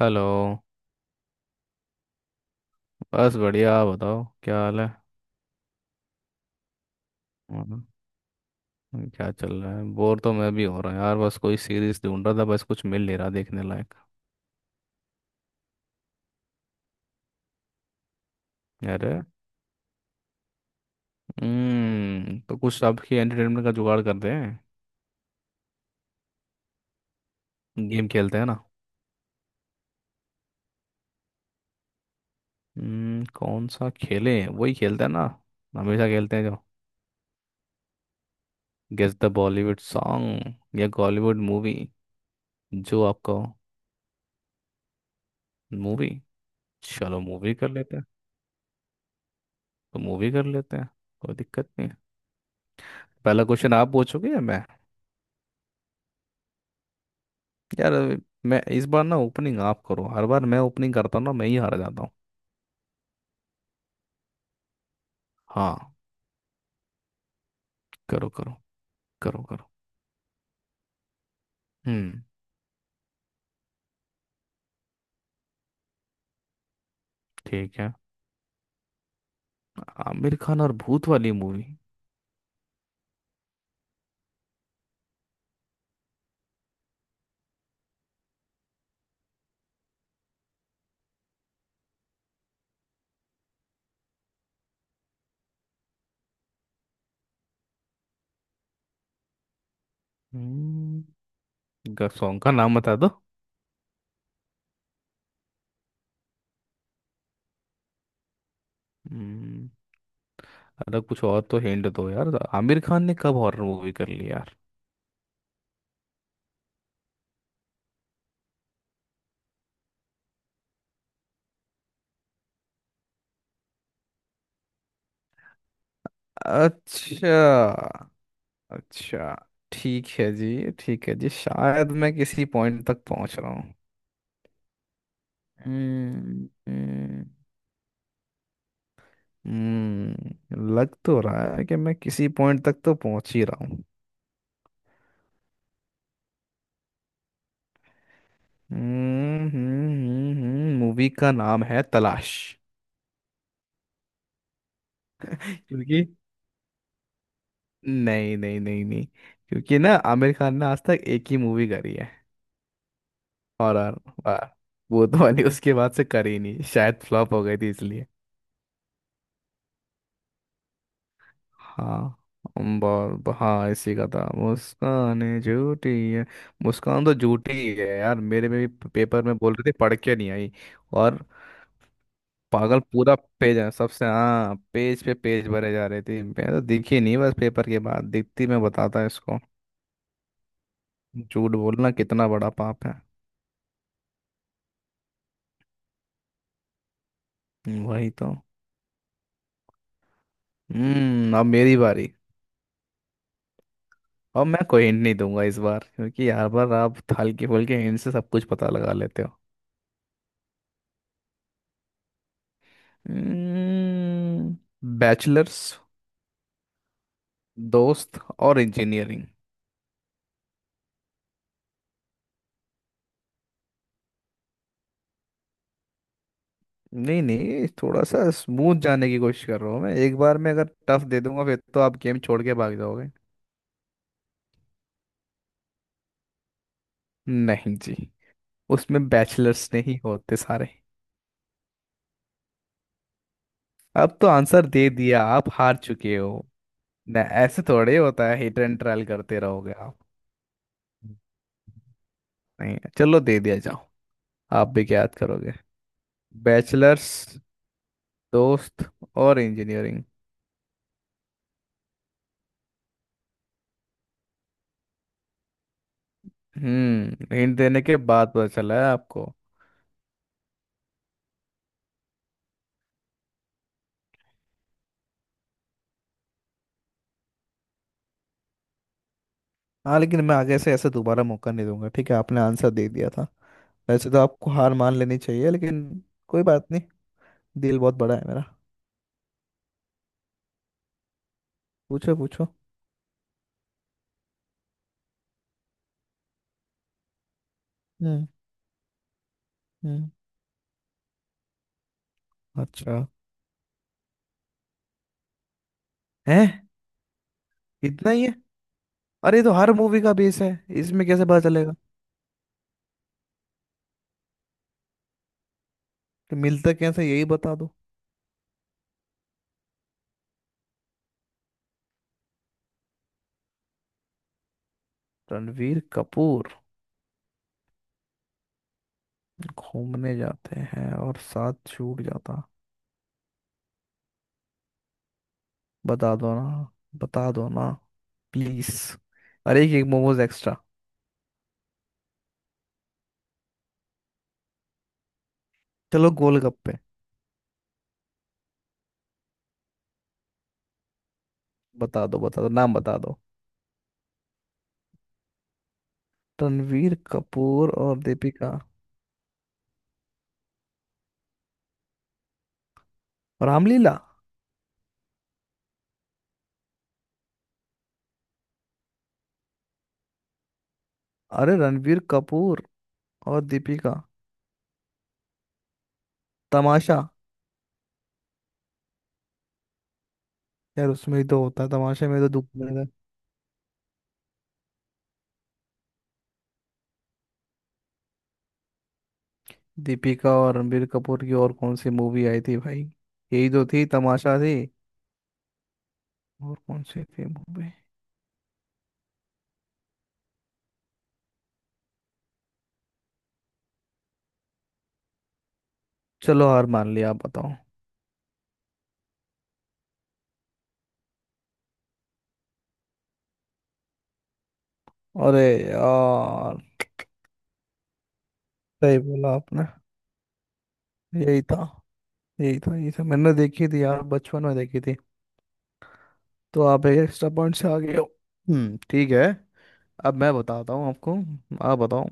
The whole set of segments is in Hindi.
हेलो। बस बढ़िया, आप बताओ क्या हाल है। और क्या चल रहा है? बोर तो मैं भी हो रहा हूँ यार। बस कोई सीरीज ढूंढ रहा था, बस कुछ मिल नहीं रहा देखने लायक। अरे हम्म, तो कुछ आपकी एंटरटेनमेंट का जुगाड़ करते हैं। गेम खेलते हैं ना। कौन सा खेलें? वही खेलते हैं ना, हमेशा खेलते हैं जो, गेस द बॉलीवुड सॉन्ग या बॉलीवुड मूवी। जो आपका। मूवी। चलो मूवी कर लेते हैं। तो मूवी कर लेते हैं। कोई दिक्कत नहीं है। पहला क्वेश्चन आप पूछोगे या मैं? यार मैं इस बार ना, ओपनिंग आप करो। हर बार मैं ओपनिंग करता हूँ ना, मैं ही हार जाता हूँ। हाँ, करो करो। करो। हम्म, ठीक है। आमिर खान और भूत वाली मूवी। हम्म, सॉन्ग का नाम बता दो। हम्म। अरे कुछ और तो हिंट दो यार, आमिर खान ने कब हॉरर मूवी कर ली यार। अच्छा। अच्छा ठीक है जी, ठीक है जी, शायद मैं किसी पॉइंट तक पहुंच रहा हूँ। हम्म हम्म, लग तो रहा है कि मैं किसी पॉइंट तक तो पहुंच ही रहा हूँ। मूवी का नाम है तलाश। क्योंकि नहीं नहीं नहीं नहीं, क्योंकि ना आमिर खान ने आज तक एक ही मूवी करी है। हॉरर। वाह। वो तो वाली उसके बाद से करी नहीं, शायद फ्लॉप हो गई थी इसलिए। हाँ, अंबर हाँ इसी का था, मुस्कान झूठी है। मुस्कान तो झूठी ही है यार, मेरे में भी पेपर में बोल रहे थे पढ़ के नहीं आई। और पागल पूरा पेज है सबसे, हाँ पेज पे पेज भरे जा रहे थे, मैं तो दिखी नहीं, बस पेपर के बाद दिखती मैं बताता इसको। झूठ बोलना कितना बड़ा पाप है। वही तो। हम्म, अब मेरी बारी। अब मैं कोई हिंट नहीं दूंगा इस बार, क्योंकि हर बार आप हल्के फुल्के हिंट से सब कुछ पता लगा लेते हो। हम्म, बैचलर्स दोस्त और इंजीनियरिंग। नहीं नहीं, थोड़ा सा स्मूथ जाने की कोशिश कर रहा हूँ मैं, एक बार में अगर टफ दे दूंगा फिर तो आप गेम छोड़ के भाग जाओगे। नहीं जी, उसमें बैचलर्स नहीं होते सारे। अब तो आंसर दे दिया, आप हार चुके हो। ना ऐसे थोड़े होता है, हिट एंड ट्रायल करते रहोगे आप? नहीं चलो दे दिया, जाओ। आप भी क्या याद करोगे। बैचलर्स दोस्त और इंजीनियरिंग। हम्म, हिंट देने के बाद पता चला है आपको। हाँ लेकिन मैं आगे से ऐसा दोबारा मौका नहीं दूंगा, ठीक है? आपने आंसर दे दिया था, वैसे तो आपको हार मान लेनी चाहिए लेकिन कोई बात नहीं, दिल बहुत बड़ा है मेरा। पूछो पूछो। हम्म। हम्म। अच्छा। है? इतना ही है? अरे ये तो हर मूवी का बेस है, इसमें कैसे पता चलेगा कि मिलता कैसे, यही बता दो। रणवीर कपूर। घूमने जाते हैं और साथ छूट जाता। बता दो ना बता दो ना। प्लीज, अरे एक मोमोज एक्स्ट्रा। चलो गोलगप्पे। बता दो नाम बता दो। रणवीर कपूर और दीपिका और रामलीला? अरे रणवीर कपूर और दीपिका, तमाशा। यार उसमें ही तो होता है, तमाशे में तो दुख। दीपिका और रणबीर कपूर की और कौन सी मूवी आई थी भाई? यही तो थी, तमाशा थी। और कौन सी थी मूवी? चलो हार मान लिया, आप बताओ। अरे यार, सही बोला आपने। यही था यही था यही था, मैंने देखी थी यार, बचपन में देखी थी। तो आप एक एक्स्ट्रा पॉइंट से आ गए हो। ठीक है। अब मैं बताता हूँ आपको, आप बताओ।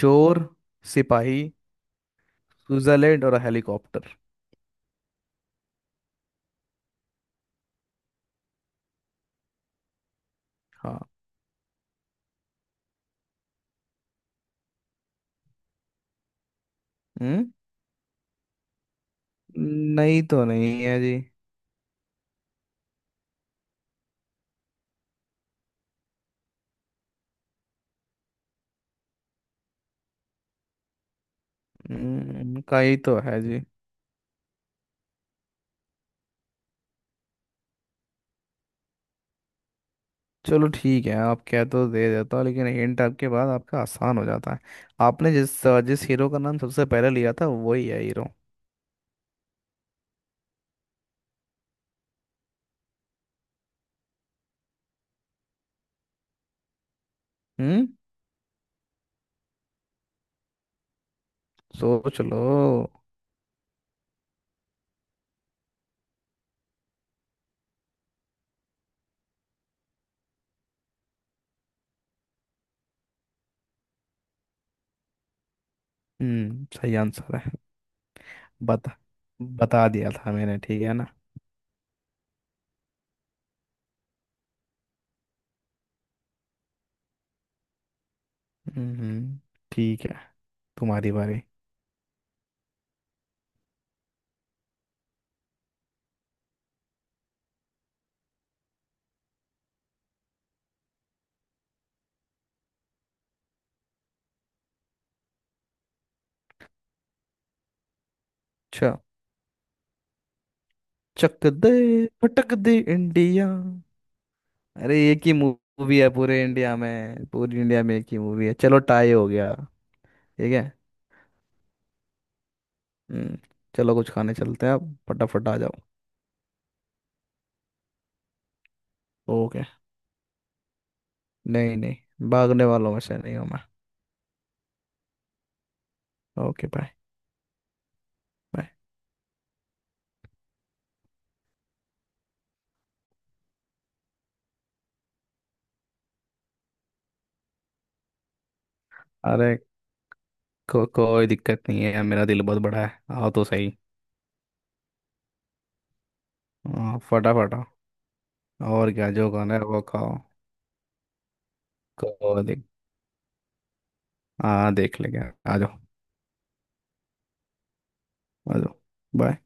चोर सिपाही स्विट्जरलैंड और हेलीकॉप्टर। हाँ। हम्म। नहीं तो नहीं है जी। का ही तो है जी। चलो ठीक है, आप कह तो दे देता हो लेकिन हिंट आपके बाद आपका आसान हो जाता है। आपने जिस जिस हीरो का नाम सबसे पहले लिया था, वही है हीरो। हम्म, सोच लो। हम्म, सही आंसर है। बता, बता दिया था मैंने, ठीक है ना। हम्म ठीक है, तुम्हारी बारी। अच्छा। चक दे भटक दे इंडिया। अरे एक ही मूवी है पूरे इंडिया में, पूरी इंडिया में एक ही मूवी है, चलो टाई हो गया। ठीक है। हम्म। चलो कुछ खाने चलते हैं आप, फटाफट आ जाओ। ओके, नहीं नहीं, भागने वालों में से नहीं हूँ मैं। Okay bye. बाय। अरे कोई दिक्कत नहीं है, मेरा दिल बहुत बड़ा है, आओ तो सही। हाँ, फटाफट आओ। और क्या जो खाना है वो खाओ। कोई दिक हाँ देख लेंगे, आ जाओ। आ जाओ, बाय।